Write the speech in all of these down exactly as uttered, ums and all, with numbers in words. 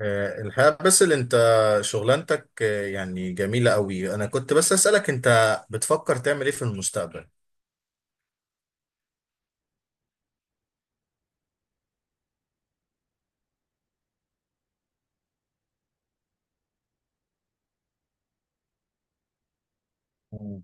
آه، الحقيقة بس اللي انت شغلانتك، آه، يعني جميلة قوي. انا كنت بس اسألك، انت بتفكر تعمل ايه في المستقبل؟ مم.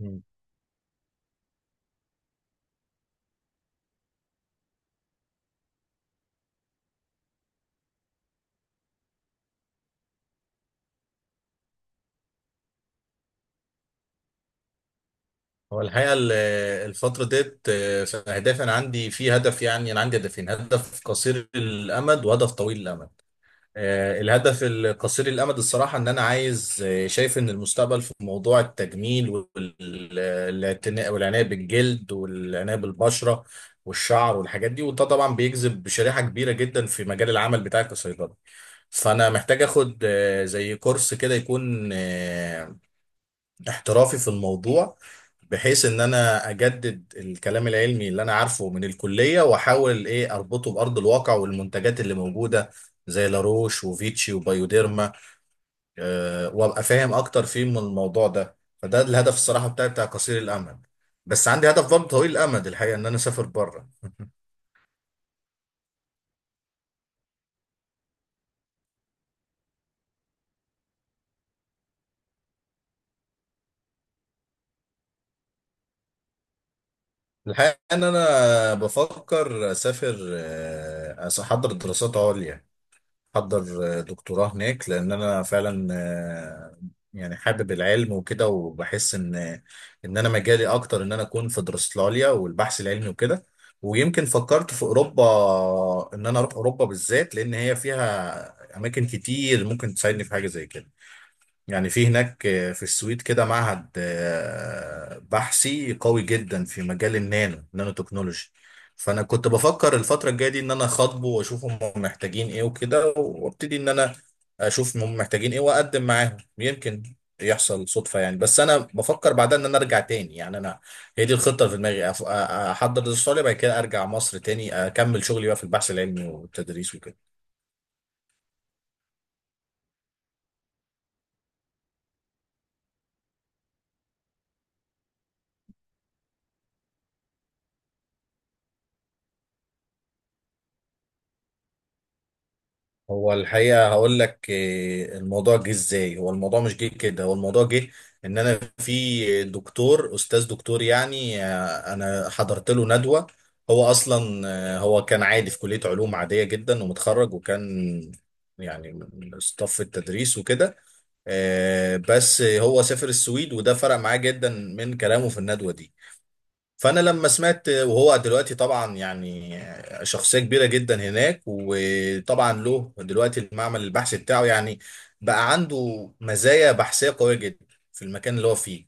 مم. هو الحقيقة ال- الفترة ديت، آه، في اهدافي، انا عندي في هدف، يعني انا عندي هدفين، هدف قصير الامد وهدف طويل الامد. آه، الهدف القصير الأمد، الصراحة إن أنا عايز، آه، شايف إن المستقبل في موضوع التجميل والاعتناء والعناية بالجلد والعناية بالبشرة والشعر والحاجات دي. وده طبعا بيجذب شريحة كبيرة جدا في مجال العمل بتاعي كصيدلي. فأنا محتاج آخد آه، زي كورس كده، يكون آه، احترافي في الموضوع، بحيث ان انا اجدد الكلام العلمي اللي انا عارفه من الكليه، واحاول ايه اربطه بارض الواقع والمنتجات اللي موجوده زي لاروش وفيتشي وبايوديرما. أه وابقى فاهم اكتر فيه من الموضوع ده. فده الهدف الصراحه بتاعي بتاع قصير الامد. بس عندي هدف برضه طويل الامد، الحقيقه ان انا اسافر بره. الحقيقه ان انا بفكر اسافر، آه، احضر دراسات عليا، احضر آه، دكتوراه هناك، لان انا فعلا آه، يعني حابب العلم وكده، وبحس ان ان انا مجالي اكتر، ان انا اكون في دراساليا والبحث العلمي وكده. ويمكن فكرت في اوروبا، ان انا اروح اوروبا بالذات، لان هي فيها اماكن كتير ممكن تساعدني في حاجه زي كده. يعني في هناك، آه، في السويد كده معهد آه، بحثي قوي جدا في مجال النانو نانو تكنولوجي. فانا كنت بفكر الفتره الجايه دي ان انا اخاطبه واشوف هم محتاجين ايه وكده، وابتدي ان انا اشوف هم محتاجين ايه واقدم معاهم، يمكن يحصل صدفه، يعني بس انا بفكر بعدها ان انا ارجع تاني. يعني انا، هي دي الخطه اللي في دماغي، أف- أ- احضر الاستراليا، بعد كده ارجع مصر تاني اكمل شغلي بقى في البحث العلمي والتدريس وكده. هو الحقيقة هقول لك، آه، الموضوع جه ازاي؟ هو الموضوع مش جه كده، هو الموضوع جه ان انا في دكتور، استاذ دكتور يعني، آه، انا حضرت له ندوة. هو اصلا آه، هو كان عادي في كلية علوم عادية جدا ومتخرج، وكان يعني من صف التدريس وكده. آه، بس هو سافر السويد، وده فرق معاه جدا من كلامه في الندوة دي. فانا لما سمعت، وهو دلوقتي طبعا يعني شخصيه كبيره جدا هناك، وطبعا له دلوقتي المعمل البحثي بتاعه، يعني بقى عنده مزايا بحثيه قويه جدا في المكان اللي هو فيه.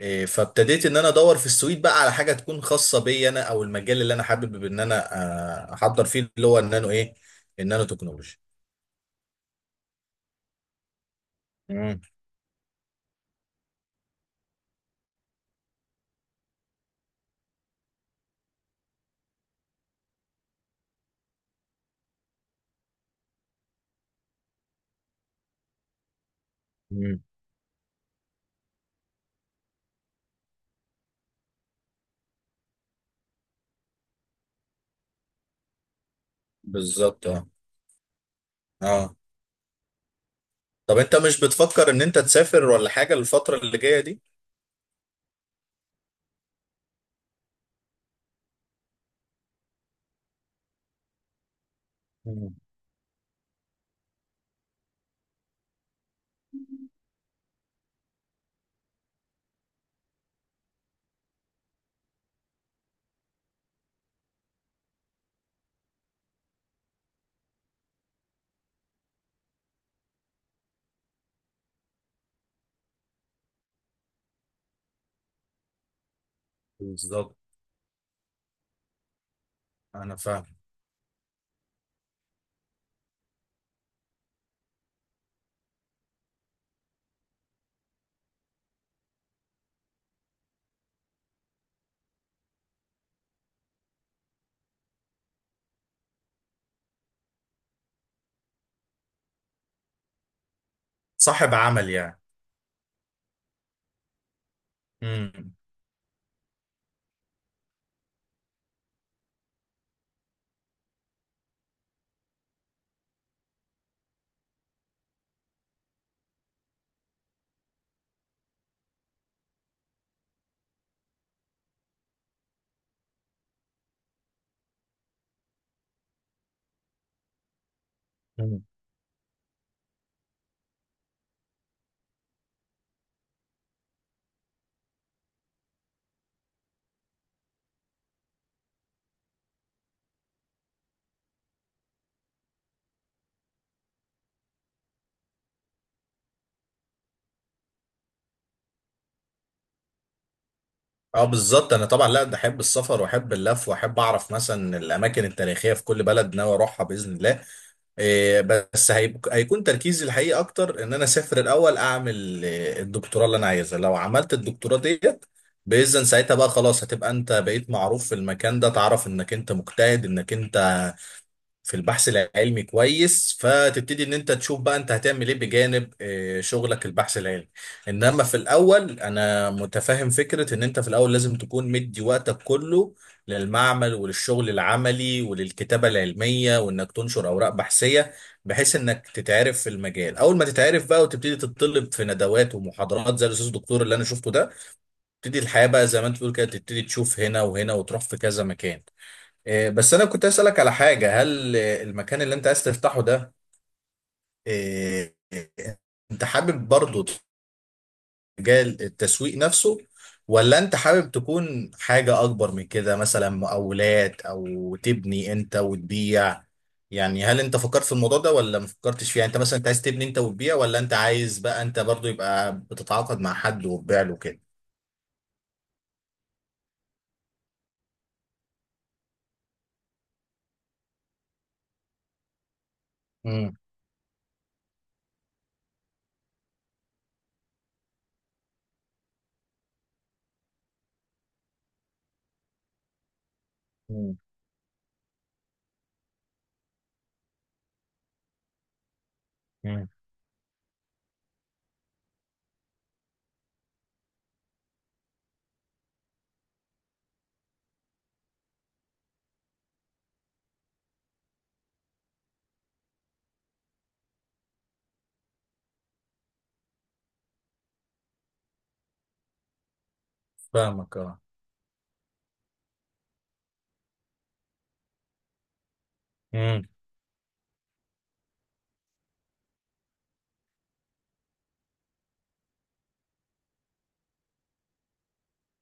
إيه، فابتديت ان انا ادور في السويد بقى على حاجه تكون خاصه بي انا، او المجال اللي انا حابب ان انا آه، احضر فيه، اللي هو النانو ايه، النانو تكنولوجي. مم. مم. بالظبط. اه. اه. طب انت مش بتفكر ان انت تسافر ولا حاجه الفتره اللي جايه دي؟ مم. بالظبط. انا فاهم. صاحب عمل يعني. امم. مم. اه، بالظبط. انا طبعا لا، ده احب السفر واحب اللف، واحب اعرف مثلا الاماكن التاريخيه في كل بلد ناوي اروحها باذن الله. إيه، بس هيبق- هيكون تركيزي الحقيقي اكتر ان انا اسافر الاول، اعمل إيه، الدكتوراه اللي انا عايزها. لو عملت الدكتوراه ديت باذن، ساعتها بقى خلاص، هتبقى انت بقيت معروف في المكان ده، تعرف انك انت مجتهد، انك انت في البحث العلمي كويس، فتبتدي ان انت تشوف بقى انت هتعمل ايه بجانب آه، شغلك البحث العلمي. انما في الاول انا متفهم فكرة ان انت في الاول لازم تكون مدي وقتك كله للمعمل وللشغل العملي وللكتابة العلمية، وانك تنشر اوراق بحثية، بحيث انك تتعرف في المجال، اول ما تتعرف بقى، وتبتدي تتطلب في ندوات ومحاضرات زي الاستاذ الدكتور اللي انا شفته ده. تبتدي الحياة بقى زي ما انت بتقول كده، تبتدي تشوف هنا وهنا، وتروح في كذا مكان. إيه، بس انا كنت اسالك على حاجه، هل إيه، المكان اللي انت عايز تفتحه ده، إيه، إيه، انت حابب برضه تجاه التسويق نفسه، ولا انت حابب تكون حاجه اكبر من كده، مثلا مقاولات، او تبني انت وتبيع؟ يعني هل انت فكرت في الموضوع ده ولا ما فكرتش فيه؟ يعني انت مثلا انت عايز تبني انت وتبيع، ولا انت عايز بقى انت برضه يبقى بتتعاقد مع حد وتبيع له كده؟ امم. امم. فاهمك. اه.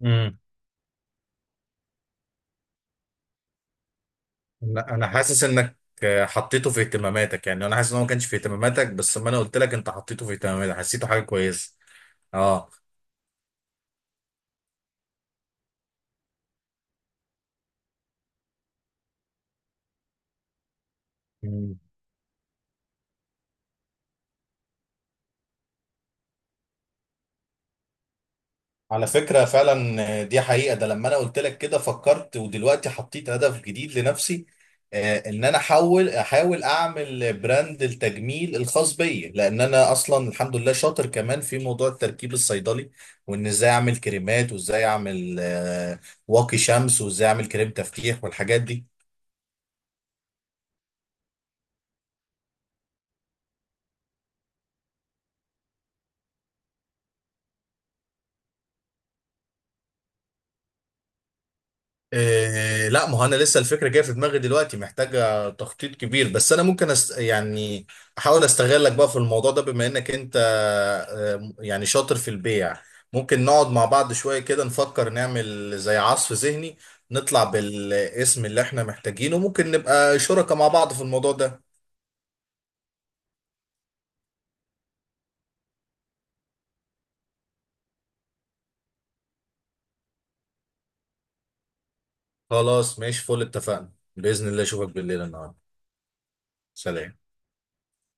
امم. انا أنا حاسس انك آه، حطيته في اهتماماتك، يعني انا حاسس ان هو ما كانش في اهتماماتك، بس لما انا قلت لك انت حطيته في اهتماماتك، حسيته حاجه كويسه. اه. مم. على فكره فعلا، آه، دي حقيقه. ده لما انا قلت لك كده فكرت، ودلوقتي حطيت هدف جديد لنفسي، آه، ان انا احاول احاول اعمل براند التجميل الخاص بي، لان انا اصلا الحمد لله شاطر كمان في موضوع التركيب الصيدلي، وان ازاي اعمل كريمات، وازاي اعمل آه، واقي شمس، وازاي اعمل كريم تفتيح والحاجات دي. إيه لا، ما هو انا لسه الفكره جايه في دماغي دلوقتي، محتاجه تخطيط كبير، بس انا ممكن أست... يعني احاول استغلك بقى في الموضوع ده، بما انك انت آه، يعني شاطر في البيع. ممكن نقعد مع بعض شويه كده نفكر، نعمل زي عصف ذهني، نطلع بالاسم اللي احنا محتاجينه، ممكن نبقى شركاء مع بعض في الموضوع ده. خلاص ماشي، فل اتفقنا باذن الله، اشوفك بالليل النهارده. سلام.